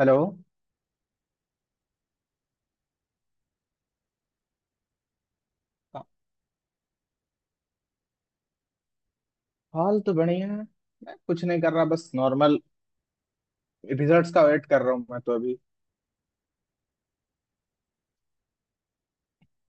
Hello. हाल तो बढ़िया है। मैं कुछ नहीं कर रहा, बस नॉर्मल। रिजल्ट्स का वेट कर रहा हूँ मैं तो अभी।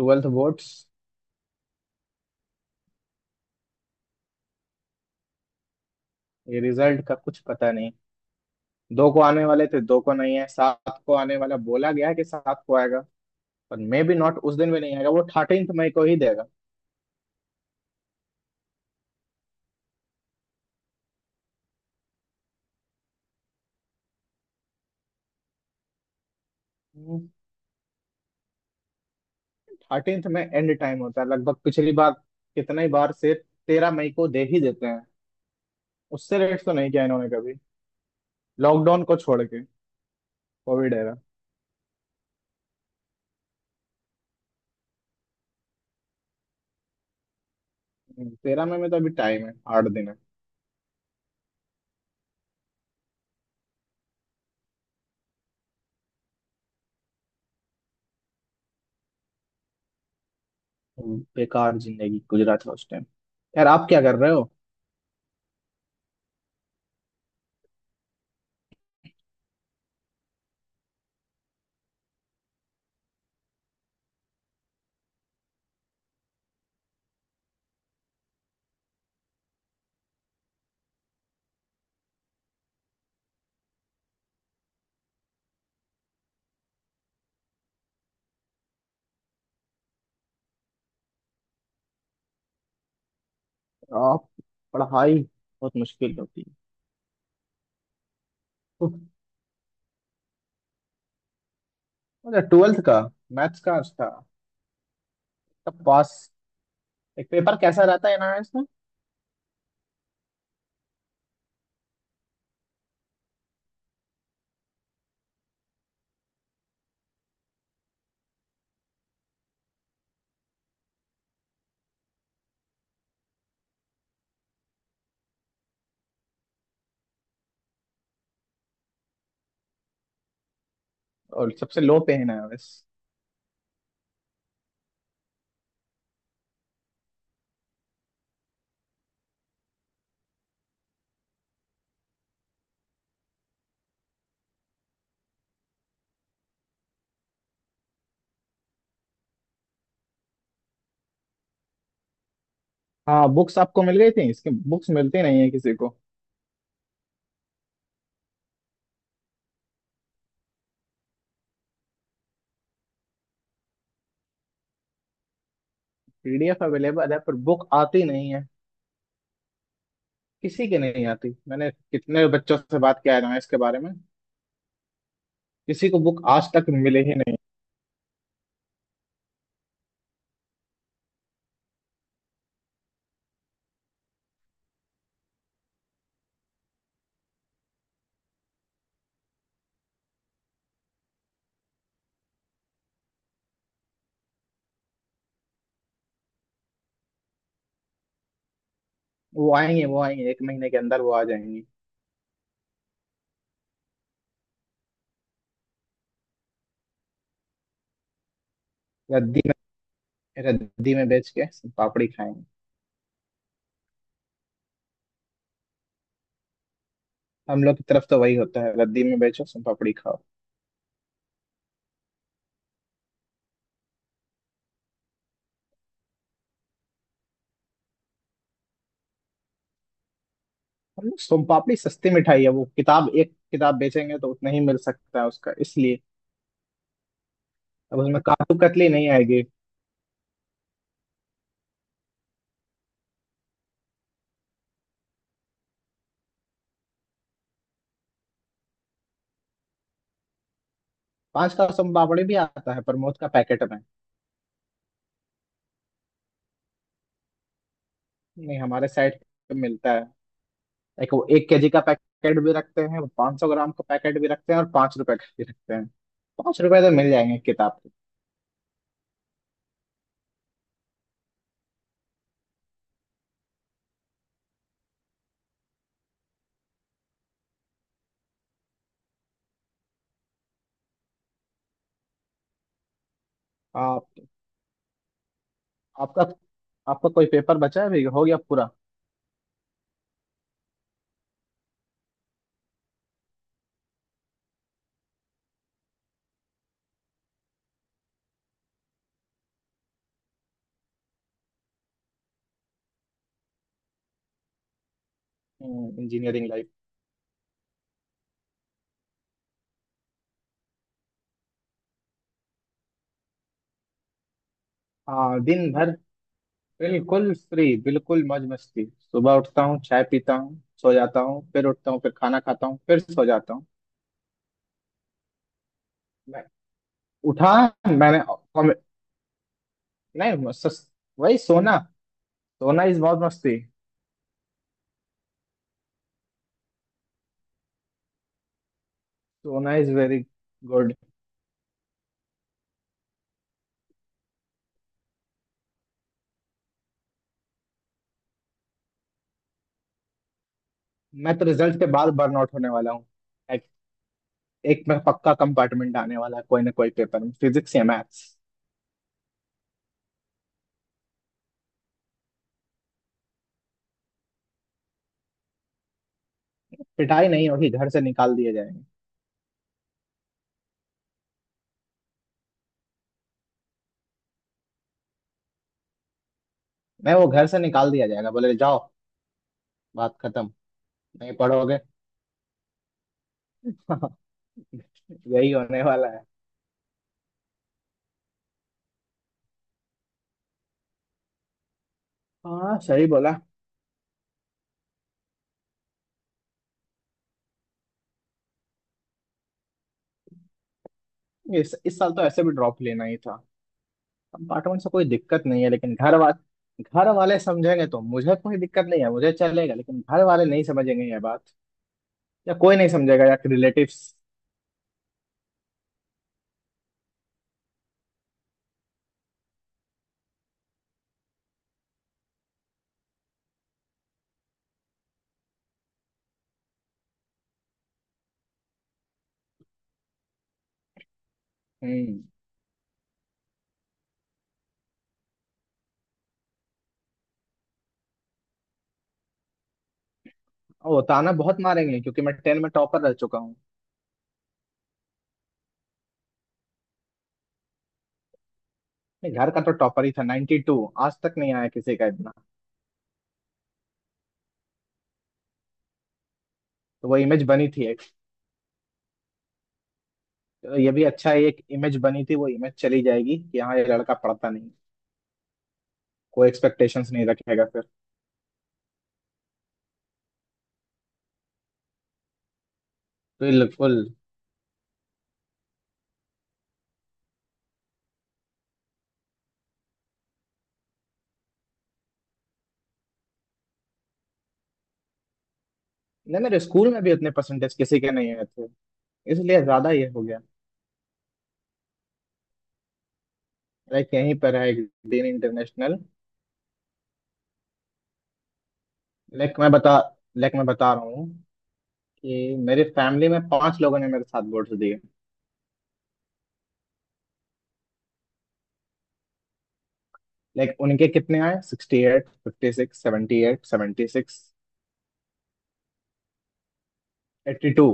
Twelfth boards. ये रिजल्ट का कुछ पता नहीं। दो को आने वाले थे, दो को नहीं है, सात को आने वाला बोला गया है कि सात को आएगा। पर मे भी नॉट, उस दिन भी नहीं आएगा, वो 13 मई को ही देगा। थर्टींथ में एंड टाइम होता है लगभग। पिछली बार कितना ही बार से 13 मई को दे ही देते हैं। उससे लेट तो नहीं किया इन्होंने कभी, लॉकडाउन को छोड़ के, कोविड एरा। 13 मई में तो अभी टाइम है, 8 दिन है। बेकार जिंदगी गुजरा था उस टाइम। यार, आप क्या कर रहे हो? आप, पढ़ाई बहुत मुश्किल होती है। उफ। अच्छा, ट्वेल्थ का मैथ्स का था तब? पास। एक पेपर कैसा रहता है एनआरएस में? और सबसे लो पे है एनआरएस। हाँ, बुक्स आपको मिल गई थी? इसके बुक्स मिलती नहीं है किसी को। पीडीएफ अवेलेबल है पर बुक आती नहीं है किसी के, नहीं आती। मैंने कितने बच्चों से बात किया एनआरएस के बारे में, किसी को बुक आज तक मिले ही नहीं। वो आएंगे एक महीने के अंदर वो आ जाएंगी। या रद्दी में बेच के सोन पापड़ी खाएंगे। हम लोग की तरफ तो वही होता है, रद्दी में बेचो सोन पापड़ी खाओ। हम लोग सोन पापड़ी सस्ती मिठाई है, वो किताब, एक किताब बेचेंगे तो उतना ही मिल सकता है उसका, इसलिए। अब उसमें काटू कतली नहीं आएगी। पांच का सोन पापड़ी भी आता है प्रमोद का पैकेट में। नहीं, हमारे साइड पे मिलता है। एक वो, एक केजी का पैकेट भी रखते हैं, वो 500 ग्राम का पैकेट भी रखते हैं, और 5 रुपए का भी रखते हैं। 5 रुपए तो मिल जाएंगे किताब के। आप आपका आपका कोई पेपर बचा है अभी, हो गया पूरा? इंजीनियरिंग। हाँ, दिन भर बिल्कुल फ्री, बिल्कुल मौज मस्ती। सुबह उठता हूँ, चाय पीता हूँ, सो जाता हूँ, फिर उठता हूँ, फिर खाना खाता हूँ, फिर सो जाता हूँ। मैं उठा, मैंने कॉमे- नहीं सस, वही सोना। सोना इज मौज मस्ती। सोना इज वेरी गुड। मैं तो रिजल्ट के बाद बर्नआउट होने वाला हूँ। एक, एक मैं पक्का कंपार्टमेंट आने वाला है, कोई ना कोई पेपर में, फिजिक्स या मैथ्स। पिटाई नहीं होगी, घर से निकाल दिए जाएंगे। नहीं, वो घर से निकाल दिया जाएगा, बोले जाओ, बात खत्म, नहीं पढ़ोगे। यही होने वाला है। हाँ, सही बोला। इस साल तो ऐसे भी ड्रॉप लेना ही था। अब पार्ट वन से कोई दिक्कत नहीं है, लेकिन घर वाले समझेंगे तो मुझे कोई दिक्कत नहीं है, मुझे चलेगा, लेकिन घर वाले नहीं समझेंगे ये बात, या कोई नहीं समझेगा, या रिलेटिव्स। हम्म। वो ताना बहुत मारेंगे क्योंकि मैं टेन में टॉपर रह चुका हूँ। नहीं, घर का तो टॉपर ही था, 92। आज तक नहीं आया किसी का इतना। तो वो इमेज बनी थी एक। तो ये भी अच्छा है, एक इमेज बनी थी, वो इमेज चली जाएगी कि हाँ, ये लड़का पढ़ता नहीं। कोई एक्सपेक्टेशंस नहीं रखेगा फिर। तो ये बिल्कुल। नहीं, मेरे स्कूल में भी उतने परसेंटेज किसी के नहीं आए थे, इसलिए ज्यादा ये हो गया। लाइक यहीं पर है एक, दिन इंटरनेशनल। लाइक मैं बता लाइक मैं बता रहा हूँ कि मेरी फैमिली में 5 लोगों ने मेरे साथ वोट्स दिए। लाइक उनके कितने आए? 68, 56, 78, 76, 82।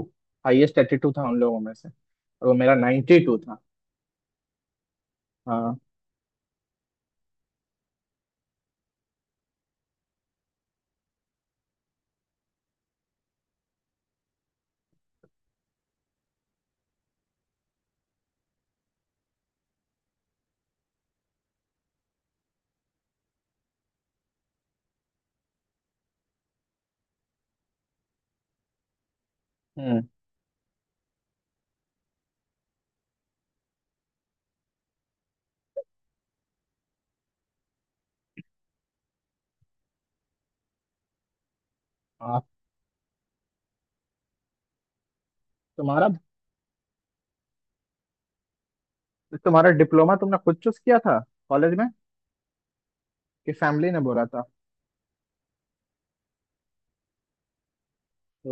हाइएस्ट 82 था उन लोगों में से, और वो मेरा 92 था। हाँ। हम्म। आप, तुम्हारा तुम्हारा डिप्लोमा तुमने खुद चूज किया था कॉलेज में, कि फैमिली ने बोला था?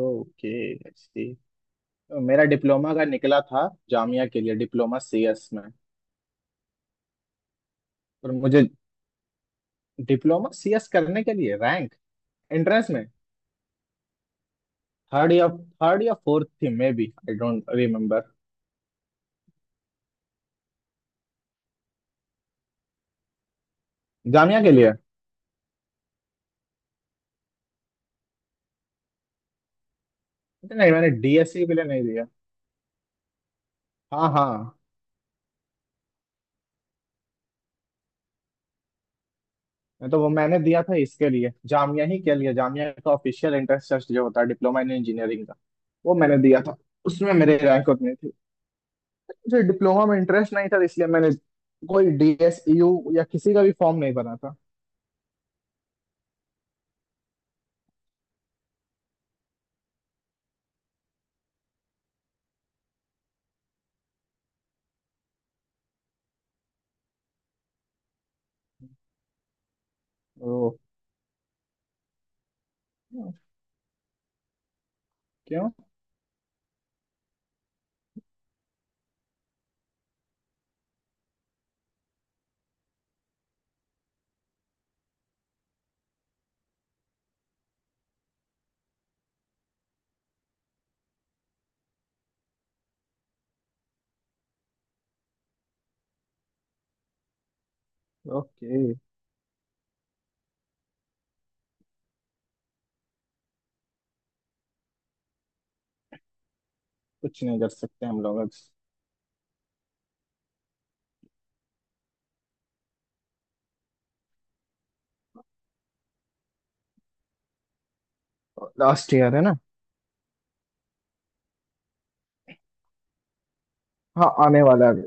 ओके। मेरा डिप्लोमा का निकला था जामिया के लिए, डिप्लोमा सीएस में। और मुझे डिप्लोमा सीएस करने के लिए रैंक एंट्रेंस में थर्ड या फोर्थ थी, maybe I don't remember. Jamia के लिए। नहीं, मैंने डीएससी के लिए नहीं दिया। हाँ, हाँ। मैं तो वो, मैंने दिया था इसके लिए, जामिया ही के लिए, जामिया का ऑफिशियल एंट्रेंस टेस्ट जो होता है डिप्लोमा इन इंजीनियरिंग का, वो मैंने दिया था। उसमें मेरे रैंक उतनी थी। मुझे डिप्लोमा में इंटरेस्ट नहीं था, इसलिए मैंने कोई डीएसयू या किसी का भी फॉर्म नहीं भरा था। तो क्यों? ओके। कुछ नहीं कर सकते हम लोग अब। लास्ट ईयर है ना। हाँ, आने वाला है अभी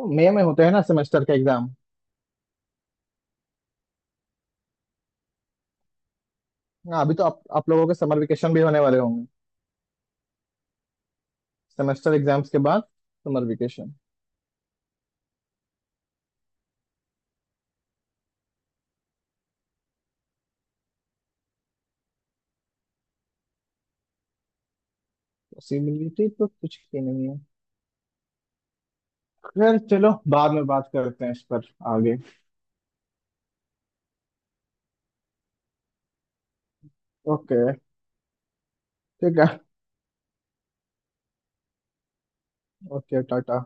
तो। मई में होते हैं ना सेमेस्टर का एग्जाम? हाँ, अभी तो आप लोगों के समर वेकेशन भी होने वाले होंगे, सेमेस्टर एग्जाम्स के बाद, समर वेकेशन। पॉसिबिलिटी तो कुछ की नहीं है। खैर चलो, बाद में बात करते हैं इस पर, आगे। ओके। ठीक है। ओके, टाटा।